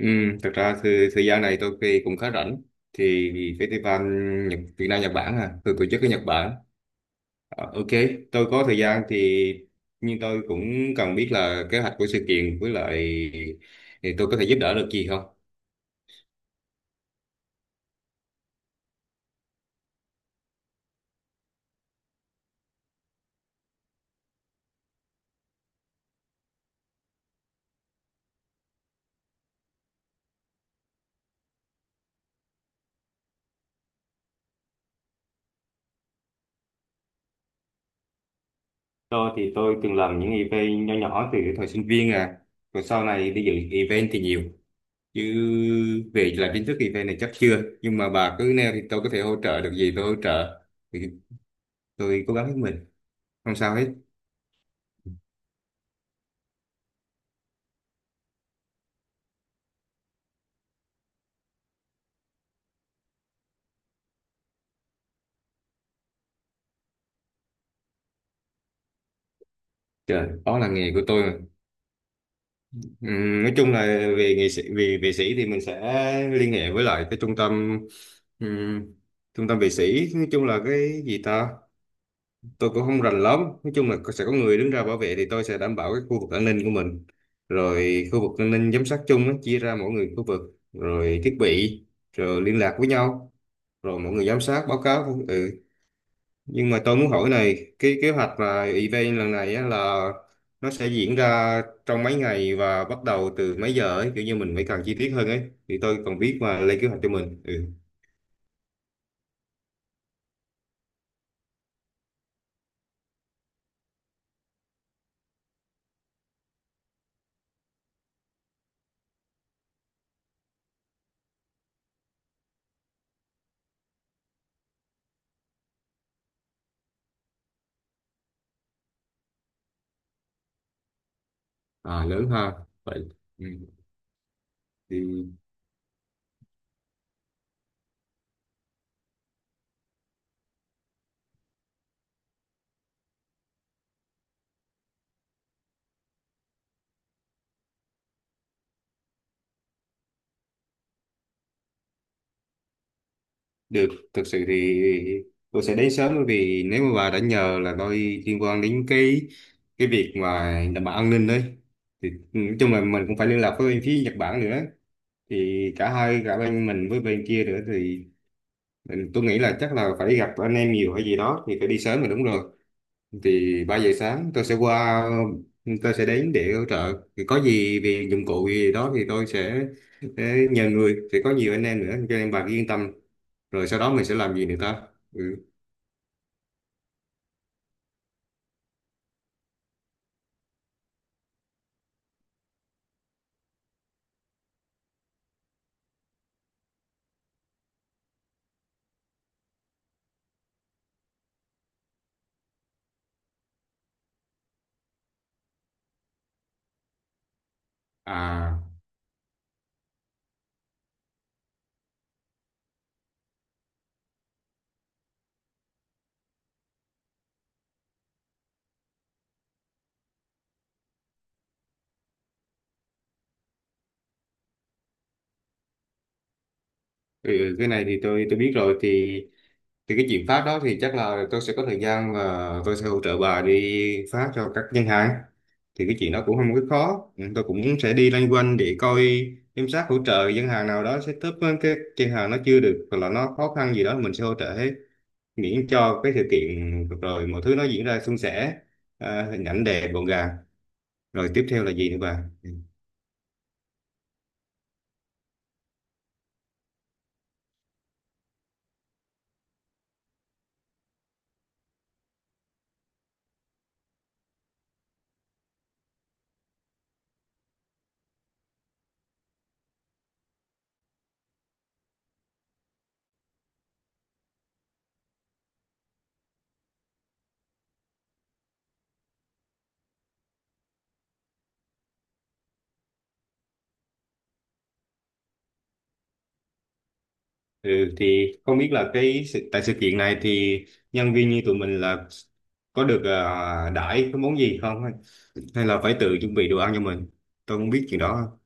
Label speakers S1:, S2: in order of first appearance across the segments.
S1: Ừ, thật ra thì thời gian này tôi cũng khá rảnh thì festival Nhật, Việt Nam Nhật Bản à từ tổ chức ở Nhật Bản. Ok, tôi có thời gian thì nhưng tôi cũng cần biết là kế hoạch của sự kiện với lại thì tôi có thể giúp đỡ được gì không. Tôi từng làm những event nhỏ nhỏ từ thời sinh viên, à rồi sau này đi dự event thì nhiều, chứ về làm chính thức event này chắc chưa, nhưng mà bà cứ nêu thì tôi có thể hỗ trợ được gì tôi hỗ trợ, thì tôi cố gắng hết mình, không sao hết. Trời, đó là nghề của tôi mà. Nói chung là về nghệ sĩ, về vệ sĩ thì mình sẽ liên hệ với lại cái trung tâm, ừm, trung tâm vệ sĩ, nói chung là cái gì ta, tôi cũng không rành lắm. Nói chung là sẽ có người đứng ra bảo vệ, thì tôi sẽ đảm bảo cái khu vực an ninh của mình, rồi khu vực an ninh giám sát chung á, chia ra mỗi người khu vực, rồi thiết bị, rồi liên lạc với nhau, rồi mọi người giám sát báo cáo. Ừ, nhưng mà tôi muốn hỏi này, cái kế hoạch mà event lần này á, là nó sẽ diễn ra trong mấy ngày và bắt đầu từ mấy giờ ấy, kiểu như mình phải càng chi tiết hơn ấy, thì tôi còn biết mà lên kế hoạch cho mình. Ừ. À lớn ha. Vậy. Ừ. Thì được, thực sự thì tôi sẽ đến sớm, bởi vì nếu mà bà đã nhờ là tôi liên quan đến cái việc mà đảm bảo an ninh đấy, thì nói chung là mình cũng phải liên lạc với bên phía Nhật Bản nữa, thì cả bên mình với bên kia nữa thì ừ, tôi nghĩ là chắc là phải gặp anh em nhiều hay gì đó, thì phải đi sớm rồi, đúng rồi. Thì 3 giờ sáng tôi sẽ qua, tôi sẽ đến để hỗ trợ, thì có gì về dụng cụ gì đó thì sẽ nhờ người, sẽ có nhiều anh em nữa cho nên bà cứ yên tâm, rồi sau đó mình sẽ làm gì nữa ta. Ừ. À. Ừ, cái này thì tôi biết rồi, thì cái chuyện phát đó thì chắc là tôi sẽ có thời gian và tôi sẽ hỗ trợ bà đi phát cho các ngân hàng, thì cái chuyện đó cũng không có khó. Ừ, tôi cũng sẽ đi loanh quanh để coi, giám sát, hỗ trợ ngân hàng nào đó setup, cái ngân hàng nó chưa được hoặc là nó khó khăn gì đó mình sẽ hỗ trợ hết, miễn cho cái sự kiện rồi mọi thứ nó diễn ra suôn sẻ, à, hình ảnh đẹp gọn gàng. Rồi tiếp theo là gì nữa bà? Ừ, thì không biết là tại sự kiện này thì nhân viên như tụi mình là có được đãi cái món gì không, hay, hay là phải tự chuẩn bị đồ ăn cho mình, tôi không biết chuyện đó.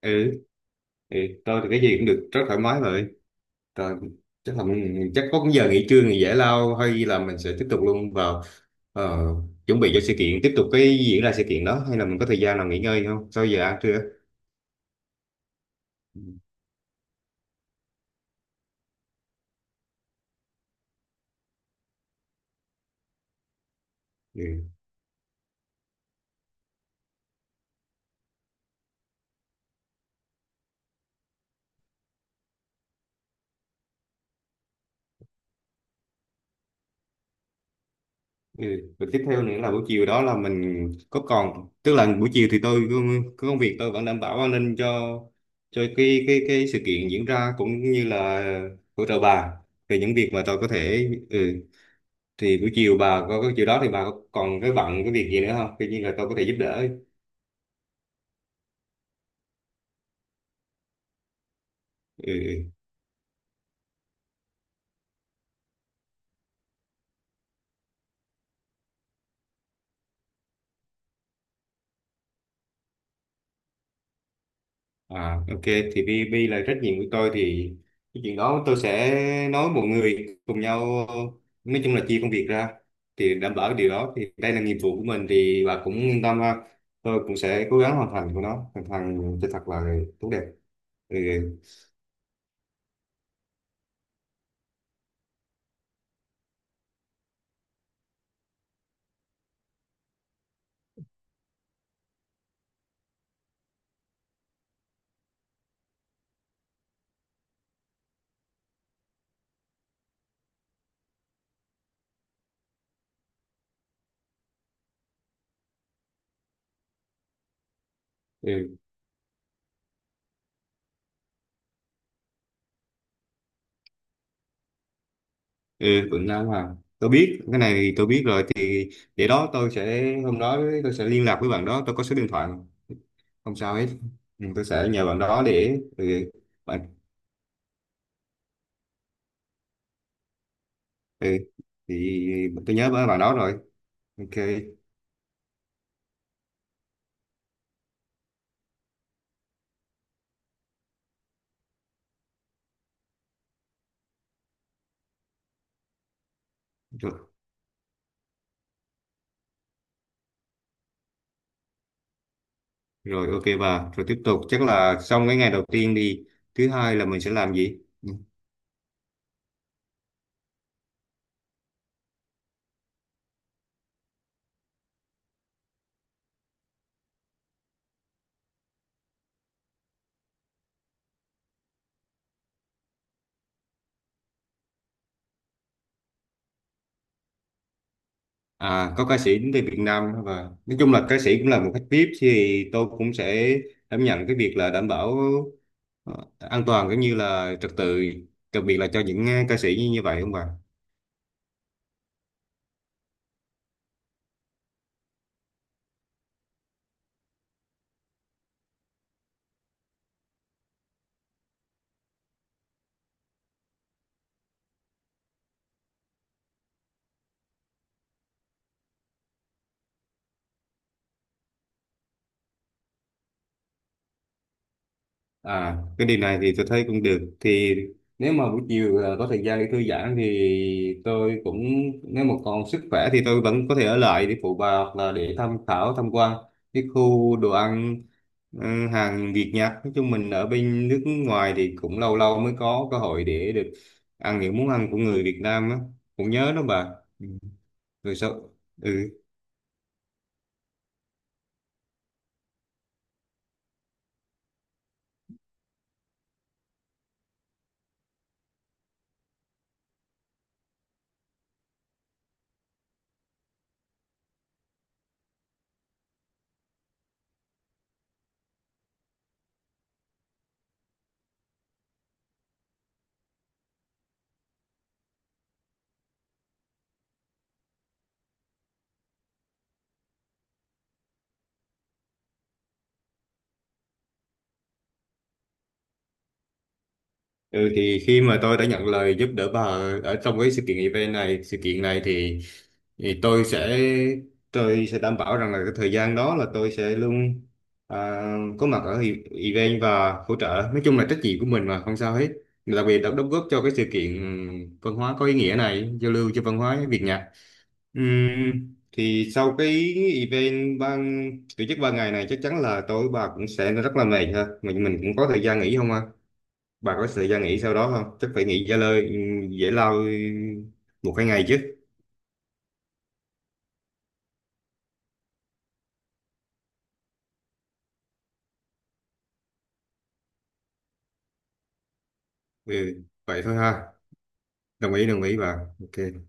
S1: Ừ. Ừ, tôi thì cái gì cũng được, rất thoải mái rồi. Rồi chắc là chắc có cái giờ nghỉ trưa, nghỉ giải lao, hay là mình sẽ tiếp tục luôn vào ờ, chuẩn bị cho sự kiện, tiếp tục cái diễn ra sự kiện đó, hay là mình có thời gian nào nghỉ ngơi không sau giờ ăn trưa? Ừ. Ừ. Ừ. Và tiếp theo nữa là buổi chiều đó là mình có còn, tức là buổi chiều thì tôi có công việc, tôi vẫn đảm bảo an ninh cho cái cái sự kiện diễn ra, cũng như là hỗ trợ bà về những việc mà tôi có thể. Ừ. Thì buổi chiều bà có cái chiều đó thì bà có còn cái bận cái việc gì nữa không? Tuy nhiên là tôi có thể giúp đỡ. Ừ. À, ok, thì vì vì là trách nhiệm của tôi thì cái chuyện đó tôi sẽ nói mọi người cùng nhau, nói chung là chia công việc ra, thì đảm bảo điều đó, thì đây là nhiệm vụ của mình, thì bà cũng yên tâm ha. Tôi cũng sẽ cố gắng hoàn thành của nó, hoàn thành cho thật là tốt đẹp. Ừ. Ừ. Ừ, vẫn làm hoàn, tôi biết cái này, thì tôi biết rồi, thì để đó tôi sẽ, hôm đó tôi sẽ liên lạc với bạn đó, tôi có số điện thoại, không sao hết. Ừ, tôi sẽ nhờ bạn đó để ừ, ừ thì tôi nhớ bà đó rồi. Ok. Rồi, rồi ok bà, rồi tiếp tục chắc là xong cái ngày đầu tiên đi, thứ hai là mình sẽ làm gì? À có ca sĩ đến từ Việt Nam đó, và nói chung là ca sĩ cũng là một khách VIP, thì tôi cũng sẽ đảm nhận cái việc là đảm bảo ờ, an toàn cũng như là trật tự, đặc biệt là cho những ca sĩ như như vậy không bà? À, cái điều này thì tôi thấy cũng được. Thì nếu mà buổi chiều à, có thời gian để thư giãn thì tôi cũng, nếu mà còn sức khỏe thì tôi vẫn có thể ở lại để phụ bà, hoặc là để tham khảo, tham quan cái khu đồ ăn, ừ, hàng Việt Nhật. Nói chung mình ở bên nước ngoài thì cũng lâu lâu mới có cơ hội để được ăn những món ăn của người Việt Nam á. Cũng nhớ đó bà. Ừ. Rồi sao? Ừ. Ừ thì khi mà tôi đã nhận lời giúp đỡ bà ở trong cái sự kiện event này, sự kiện này thì tôi sẽ, tôi sẽ đảm bảo rằng là cái thời gian đó là tôi sẽ luôn à, có mặt ở event và hỗ trợ. Nói chung là trách nhiệm của mình mà, không sao hết. Đặc biệt đã đóng góp cho cái sự kiện văn hóa có ý nghĩa này, giao lưu cho văn hóa Việt Nhật. Thì sau cái event ban tổ chức 3 ngày này chắc chắn là tối bà cũng sẽ rất là mệt ha. Mình cũng có thời gian nghỉ không, bà có thời gian nghỉ sau đó không, chắc phải nghỉ giải lao 1 2 ngày chứ? Ừ, vậy thôi ha. Đồng ý, đồng ý bà. Ok.